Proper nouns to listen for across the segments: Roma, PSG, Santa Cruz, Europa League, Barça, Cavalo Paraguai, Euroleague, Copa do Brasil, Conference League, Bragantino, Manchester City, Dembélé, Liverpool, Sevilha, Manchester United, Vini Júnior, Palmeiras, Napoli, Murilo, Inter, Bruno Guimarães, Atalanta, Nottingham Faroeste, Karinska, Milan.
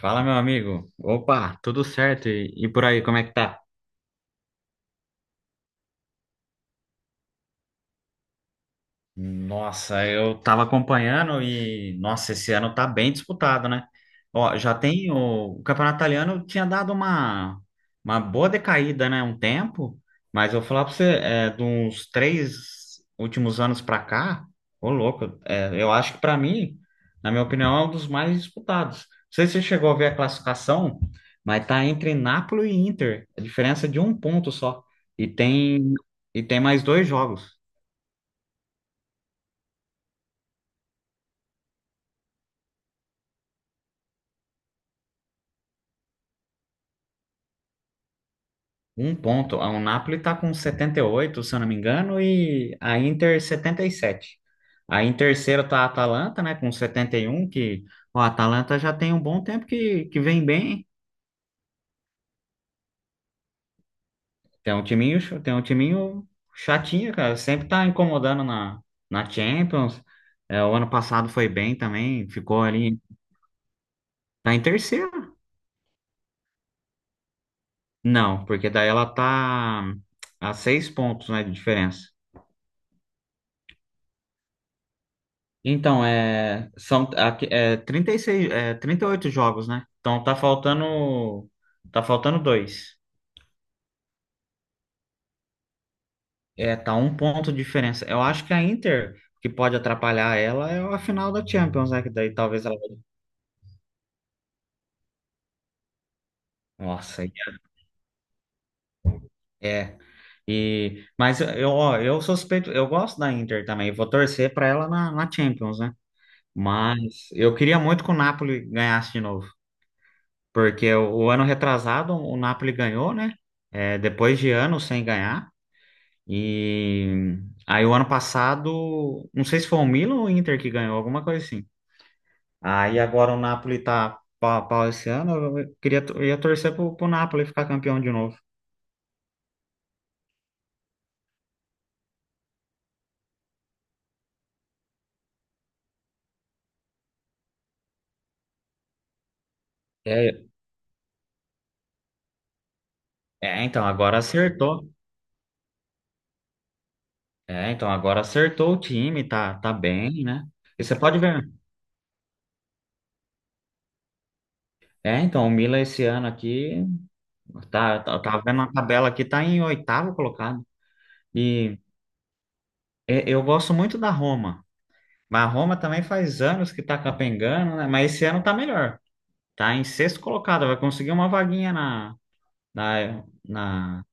Fala, meu amigo. Opa, tudo certo? E por aí, como é que tá? Nossa, eu tava acompanhando e, nossa, esse ano tá bem disputado, né? Ó, já tem o campeonato italiano tinha dado uma boa decaída, né? Um tempo, mas eu vou falar pra você, é, de uns três últimos anos pra cá, ô louco, é, eu acho que pra mim, na minha opinião, é um dos mais disputados. Não sei se você chegou a ver a classificação, mas tá entre Napoli e Inter, a diferença é de um ponto só, e tem, e tem mais dois jogos. Um ponto. O Napoli tá com 78 se eu não me engano, e a Inter 77. Aí em terceiro tá a Atalanta, né, com 71, que o Atalanta já tem um bom tempo que vem bem. Tem um timinho chatinho, cara, sempre tá incomodando na Champions. É, o ano passado foi bem também, ficou ali, tá em terceiro. Não, porque daí ela tá a 6 pontos, né, de diferença. Então, é, são é, 36, é, 38 jogos, né? Então tá faltando dois. É, tá um ponto de diferença. Eu acho que a Inter, que pode atrapalhar ela, é a final da Champions, né? Que daí talvez ela... Nossa, é. E, mas eu, ó, eu suspeito, eu gosto da Inter também. Vou torcer pra ela na Champions, né? Mas eu queria muito que o Napoli ganhasse de novo. Porque o ano retrasado, o Napoli ganhou, né? É, depois de anos sem ganhar. E aí o ano passado, não sei se foi o Milan ou o Inter que ganhou, alguma coisa assim. Aí agora o Napoli tá pau a pau esse ano, eu queria, eu ia torcer pro Napoli ficar campeão de novo. É, é, então agora acertou. É, então agora acertou o time, tá bem, né? E você pode ver, né? É, então o Milan esse ano aqui, tá vendo a tabela aqui, tá em oitavo colocado. E eu gosto muito da Roma. Mas a Roma também faz anos que tá capengando, né? Mas esse ano tá melhor. Tá em sexto colocado, vai conseguir uma vaguinha na, na...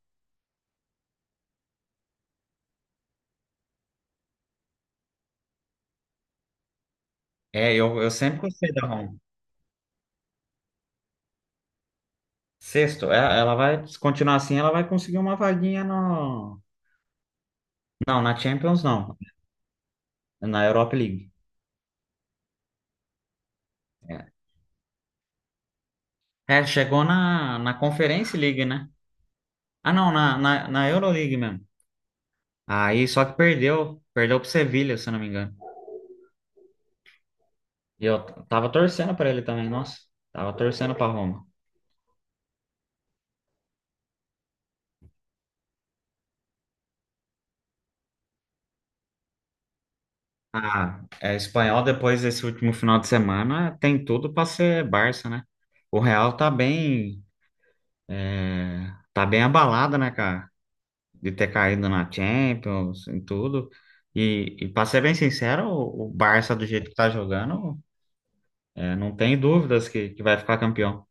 É, eu sempre gostei da Roma. Sexto, é, ela vai, se continuar assim, ela vai conseguir uma vaguinha no... Não, na Champions não, na Europa League. É, É, chegou na Conference League, né? Ah, não, na, na Euroleague mesmo. Aí, só que perdeu pro Sevilha, se eu não me engano. E eu tava torcendo pra ele também, nossa. Tava torcendo pra Roma. Ah, é, espanhol depois desse último final de semana tem tudo para ser Barça, né? O Real tá bem, é, tá bem abalado, né, cara? De ter caído na Champions, em tudo. E para ser bem sincero, o Barça do jeito que tá jogando, é, não tem dúvidas que vai ficar campeão.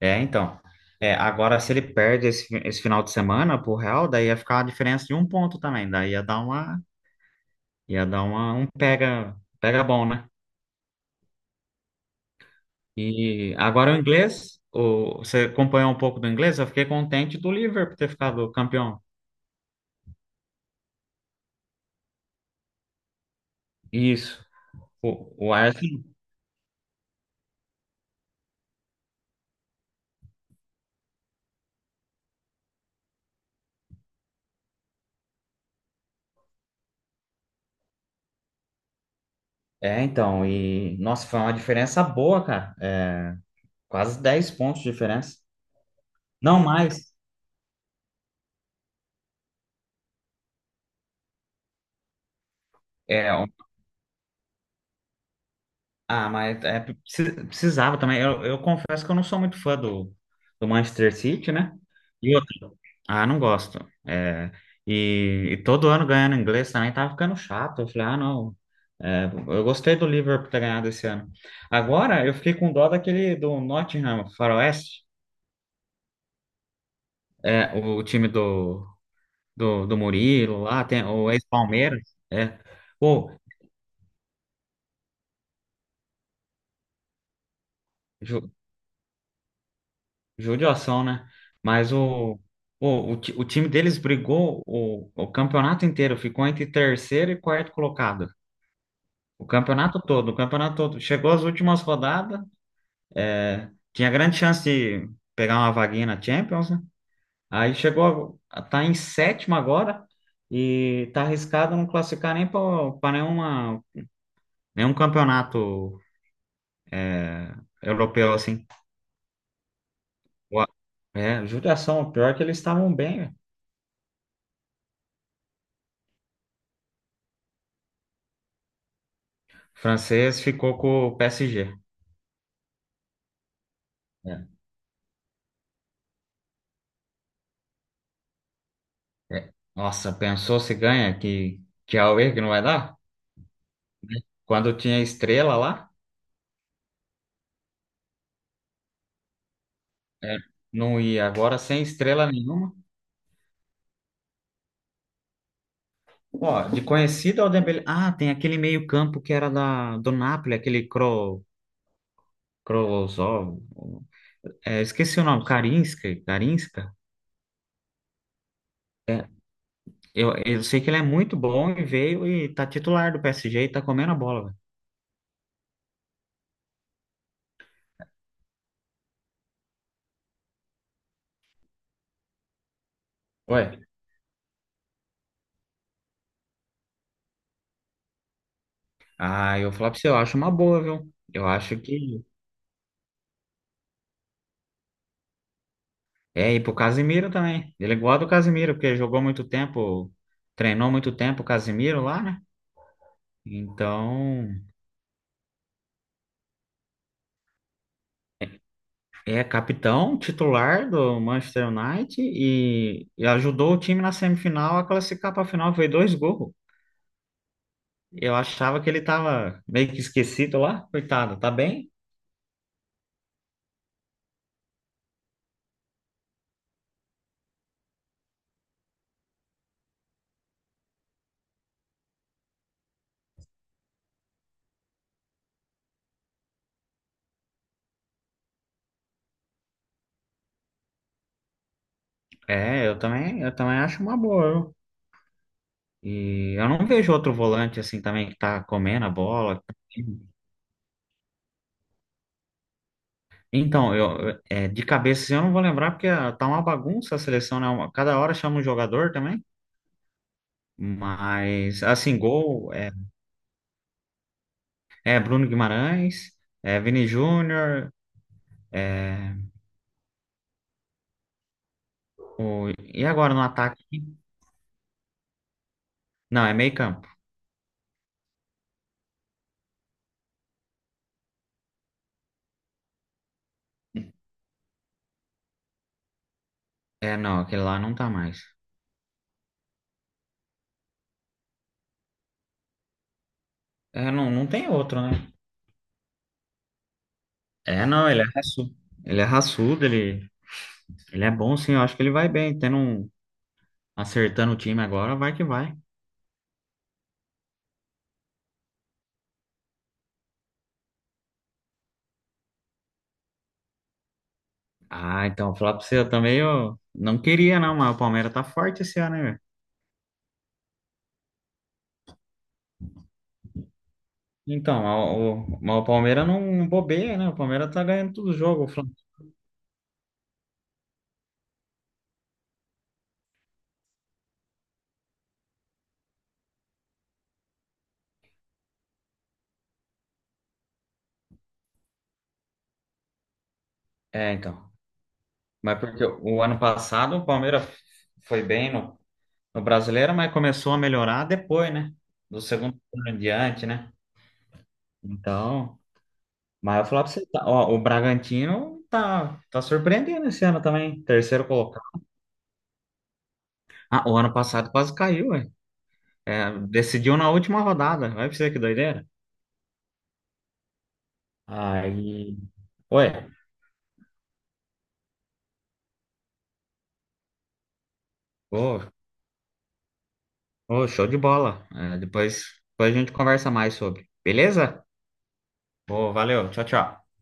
É, então. É, agora se ele perde esse final de semana pro Real, daí ia ficar a diferença de um ponto também. Daí ia dar uma, um pega bom, né? E agora o inglês, você acompanhou um pouco do inglês? Eu fiquei contente do Liverpool ter ficado campeão. Isso. O Arsenal. É, então, e nossa, foi uma diferença boa, cara. É, quase 10 pontos de diferença. Não mais. É, ah, mas é, precisava também. Eu confesso que eu não sou muito fã do Manchester City, né? E outro. Ah, não gosto. É, e todo ano ganhando inglês também tava ficando chato. Eu falei, ah, não. É, eu gostei do Liverpool ter ganhado esse ano. Agora eu fiquei com dó daquele do Nottingham Faroeste, é, o time do, do Murilo lá, tem o ex-Palmeiras. É. Pô, judiação, né? Mas o time deles brigou o campeonato inteiro, ficou entre terceiro e quarto colocado. O campeonato todo, o campeonato todo. Chegou às últimas rodadas, tinha grande chance de pegar uma vaguinha na Champions, né? Aí chegou, a tá em sétimo agora e tá arriscado não classificar nem para nenhuma, nenhum campeonato europeu, assim. O- É, judiação, o pior é que eles estavam bem, né? O francês ficou com o PSG. É, nossa, pensou se ganha, que a UERG não vai dar? Quando tinha estrela lá, é, não ia. Agora sem estrela nenhuma. Ó, de conhecido ao Dembélé. Ah, tem aquele meio-campo que era da, do Napoli, aquele Krolozov. É, esqueci o nome, Karinska, Karinska. É, eu sei que ele é muito bom e veio e tá titular do PSG e tá comendo a bola, velho. Ué, ah, eu vou falar pra você, eu acho uma boa, viu? Eu acho que... É, e pro Casimiro também. Ele é igual ao do Casimiro, porque jogou muito tempo, treinou muito tempo o Casimiro lá, né? Então, é capitão titular do Manchester United e ajudou o time na semifinal a classificar para a final, foi dois gols. Eu achava que ele tava meio que esquecido lá, coitado, tá bem? É, eu também, acho uma boa, viu? E eu não vejo outro volante assim também que tá comendo a bola. Então, eu, é, de cabeça eu não vou lembrar porque ah, tá uma bagunça a seleção, né? Cada hora chama um jogador também. Mas, assim, gol é Bruno Guimarães, é Vini Júnior. É, e agora no ataque? Não, é meio campo. É, não, aquele lá não tá mais. É, não, não tem outro, né? É, não, ele é raçudo. Ele é raçudo, ele é bom, sim. Eu acho que ele vai bem. Tendo um, acertando o time agora, vai que vai. Ah, então, falar pra você, eu também eu não queria, não, mas o Palmeiras tá forte esse ano, né? Então, mas o Palmeiras não bobeia, né? O Palmeiras tá ganhando todo jogo. É, então. Mas porque o ano passado o Palmeiras foi bem no, Brasileiro, mas começou a melhorar depois, né? Do segundo turno em diante, né? Então, mas eu vou falar pra você, tá, ó, o Bragantino tá surpreendendo esse ano também, terceiro colocado. Ah, o ano passado quase caiu, ué. É, decidiu na última rodada. Vai pra você que doideira. Aí, ué, pô, ô, show de bola. É, depois a gente conversa mais sobre. Beleza? Ô, valeu. Tchau, tchau.